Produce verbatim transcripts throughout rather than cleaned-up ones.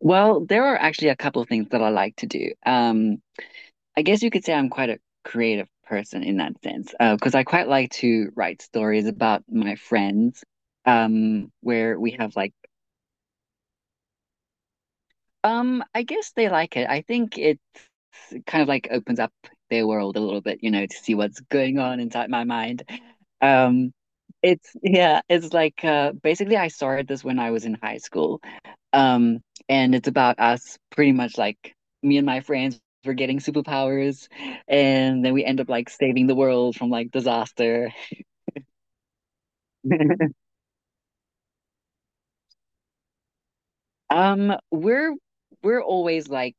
Well, there are actually a couple of things that I like to do. Um, I guess you could say I'm quite a creative person in that sense, uh, because I quite like to write stories about my friends, um, where we have like, um, I guess they like it. I think it kind of like opens up their world a little bit, you know, to see what's going on inside my mind. Um, it's yeah, it's like uh, Basically, I started this when I was in high school. Um, and it's about us pretty much like me and my friends were getting superpowers, and then we end up like saving the world from like disaster. Um, we're we're always like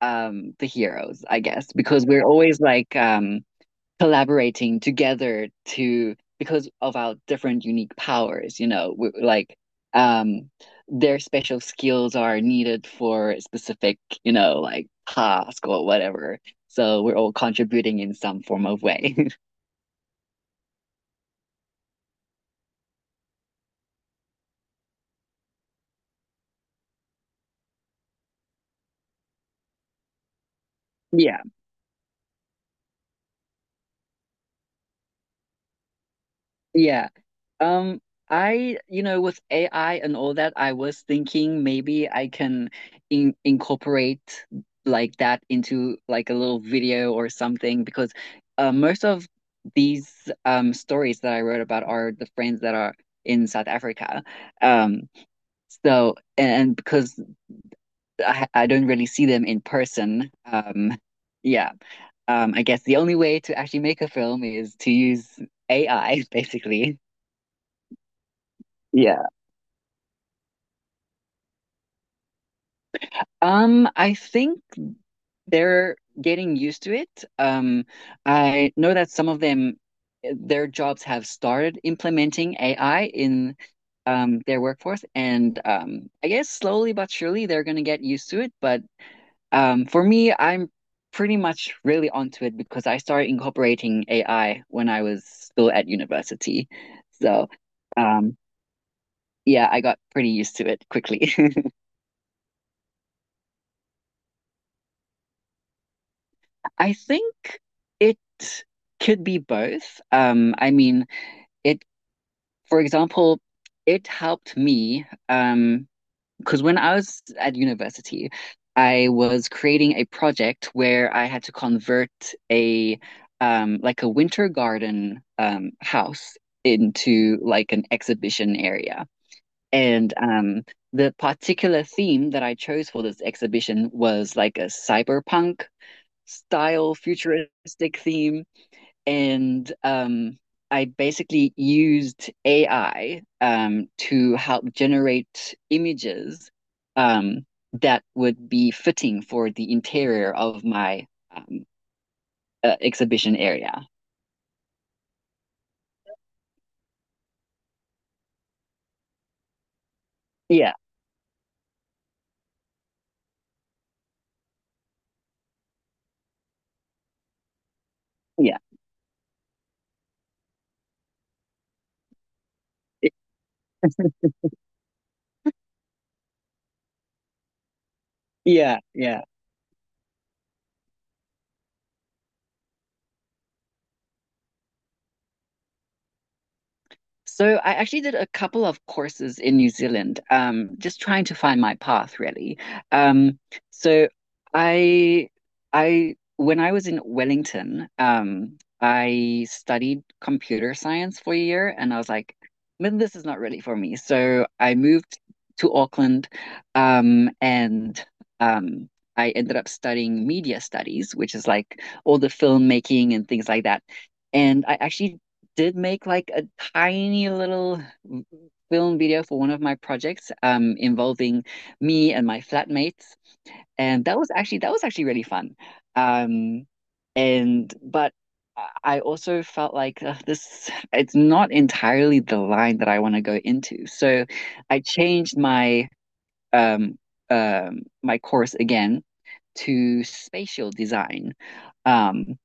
um the heroes, I guess, because we're always like um collaborating together to because of our different unique powers, you know, we, like um their special skills are needed for a specific, you know, like task or whatever. So we're all contributing in some form of way. Yeah. Yeah. Um, I, you know, with A I and all that, I was thinking maybe I can in incorporate like that into like a little video or something, because uh, most of these um stories that I wrote about are the friends that are in South Africa. Um, so, and because I, I don't really see them in person, um, yeah, um, I guess the only way to actually make a film is to use A I, basically. Yeah. Um, I think they're getting used to it. Um, I know that some of them, eh, their jobs have started implementing A I in um, their workforce, and um, I guess slowly but surely they're going to get used to it. But um, for me, I'm pretty much really onto it because I started incorporating A I when I was still at university. So, um, yeah, I got pretty used to it quickly. I think it could be both. Um, I mean, it, for example, it helped me, um, because when I was at university, I was creating a project where I had to convert a um, like a winter garden um, house into like an exhibition area. And um, the particular theme that I chose for this exhibition was like a cyberpunk style futuristic theme, and um, I basically used A I um, to help generate images um, that would be fitting for the interior of my um, uh, exhibition area. Yeah, yeah, yeah, yeah. So I actually did a couple of courses in New Zealand, um, just trying to find my path really. Um, so I, I, when I was in Wellington, um, I studied computer science for a year, and I was like, "Man, this is not really for me." So I moved to Auckland, um, and um, I ended up studying media studies, which is like all the filmmaking and things like that. And I actually did make like a tiny little mm, film video for one of my projects, um, involving me and my flatmates, and that was actually that was actually really fun. Um, and but I also felt like uh, this it's not entirely the line that I want to go into, so I changed my um, um, my course again to spatial design. Um,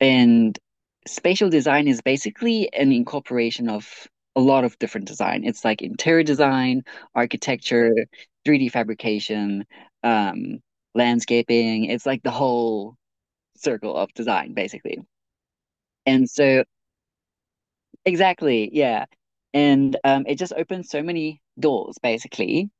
and spatial design is basically an incorporation of a lot of different design. It's like interior design, architecture, three D fabrication, um, landscaping. It's like the whole circle of design, basically. And so, exactly, yeah. And um, it just opens so many doors, basically.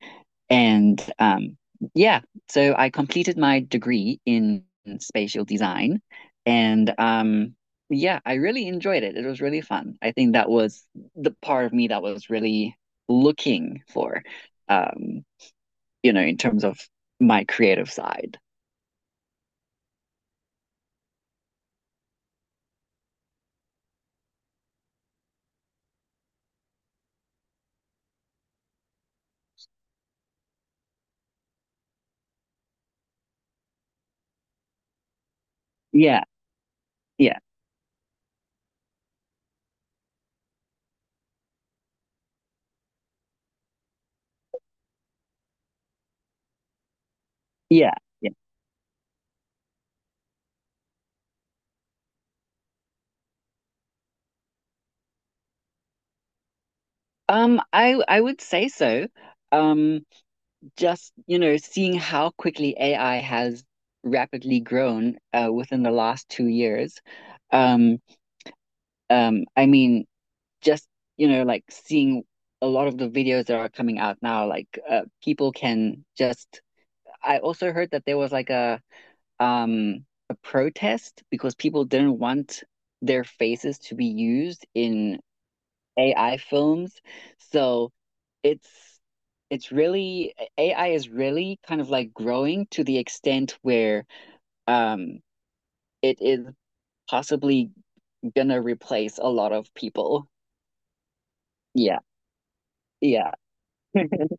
And um, yeah, so I completed my degree in spatial design. And um, yeah, I really enjoyed it. It was really fun. I think that was the part of me that was really looking for, um, you know, in terms of my creative side. Yeah, yeah, yeah, yeah. Um, I I would say so. Um, just, you know, seeing how quickly A I has rapidly grown, uh, within the last two years. Um, Um, I mean, just, you know, like seeing a lot of the videos that are coming out now, like uh, people can just. I also heard that there was like a um a protest because people didn't want their faces to be used in A I films. So it's it's really A I is really kind of like growing to the extent where um it is possibly gonna replace a lot of people. Yeah. Yeah.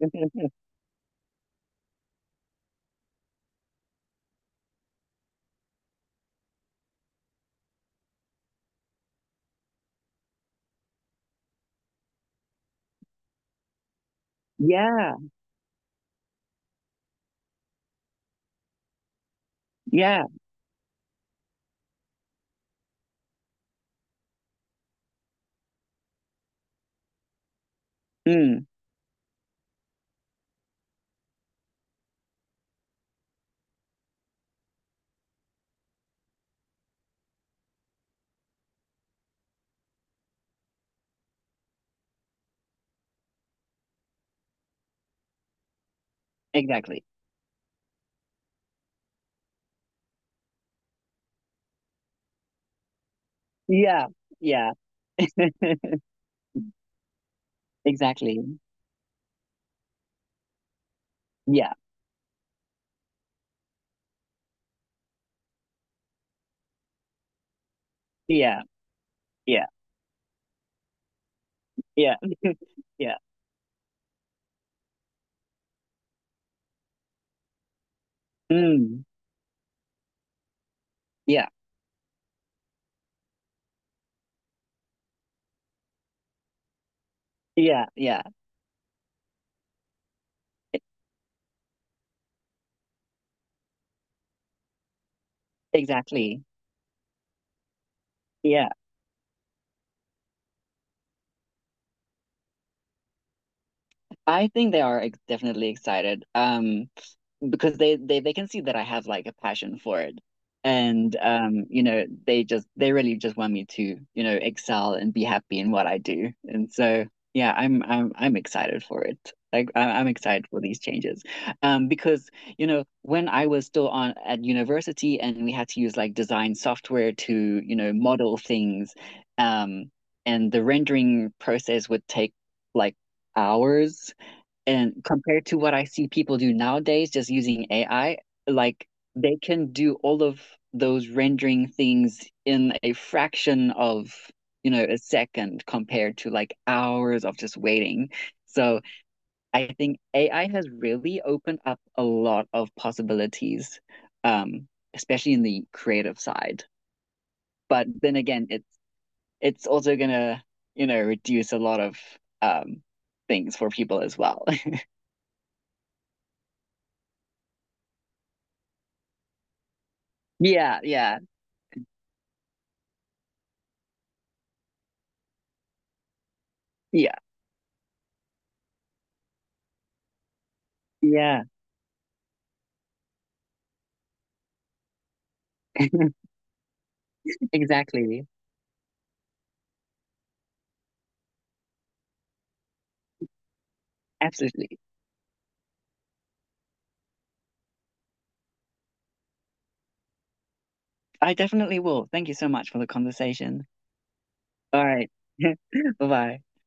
Yeah, yeah, mm, exactly. Yeah, yeah, exactly. Yeah, yeah, yeah, yeah, yeah, mm, yeah, yeah, yeah, e- exactly. Yeah, I think they are ex definitely excited. Um, because they they they can see that I have like a passion for it. And um, you know, they just they really just want me to, you know, excel and be happy in what I do. And so yeah, I'm I'm I'm excited for it. Like I- I'm excited for these changes. Um, because you know, when I was still on at university and we had to use like design software to, you know, model things, um, and the rendering process would take like hours, and compared to what I see people do nowadays, just using A I, like they can do all of those rendering things in a fraction of, you know, a second compared to like hours of just waiting. So I think A I has really opened up a lot of possibilities, um, especially in the creative side. But then again, it's it's also gonna, you know, reduce a lot of um, things for people as well. Yeah, yeah, yeah. Yeah, exactly. Absolutely. I definitely will. Thank you so much for the conversation. All right. Bye bye.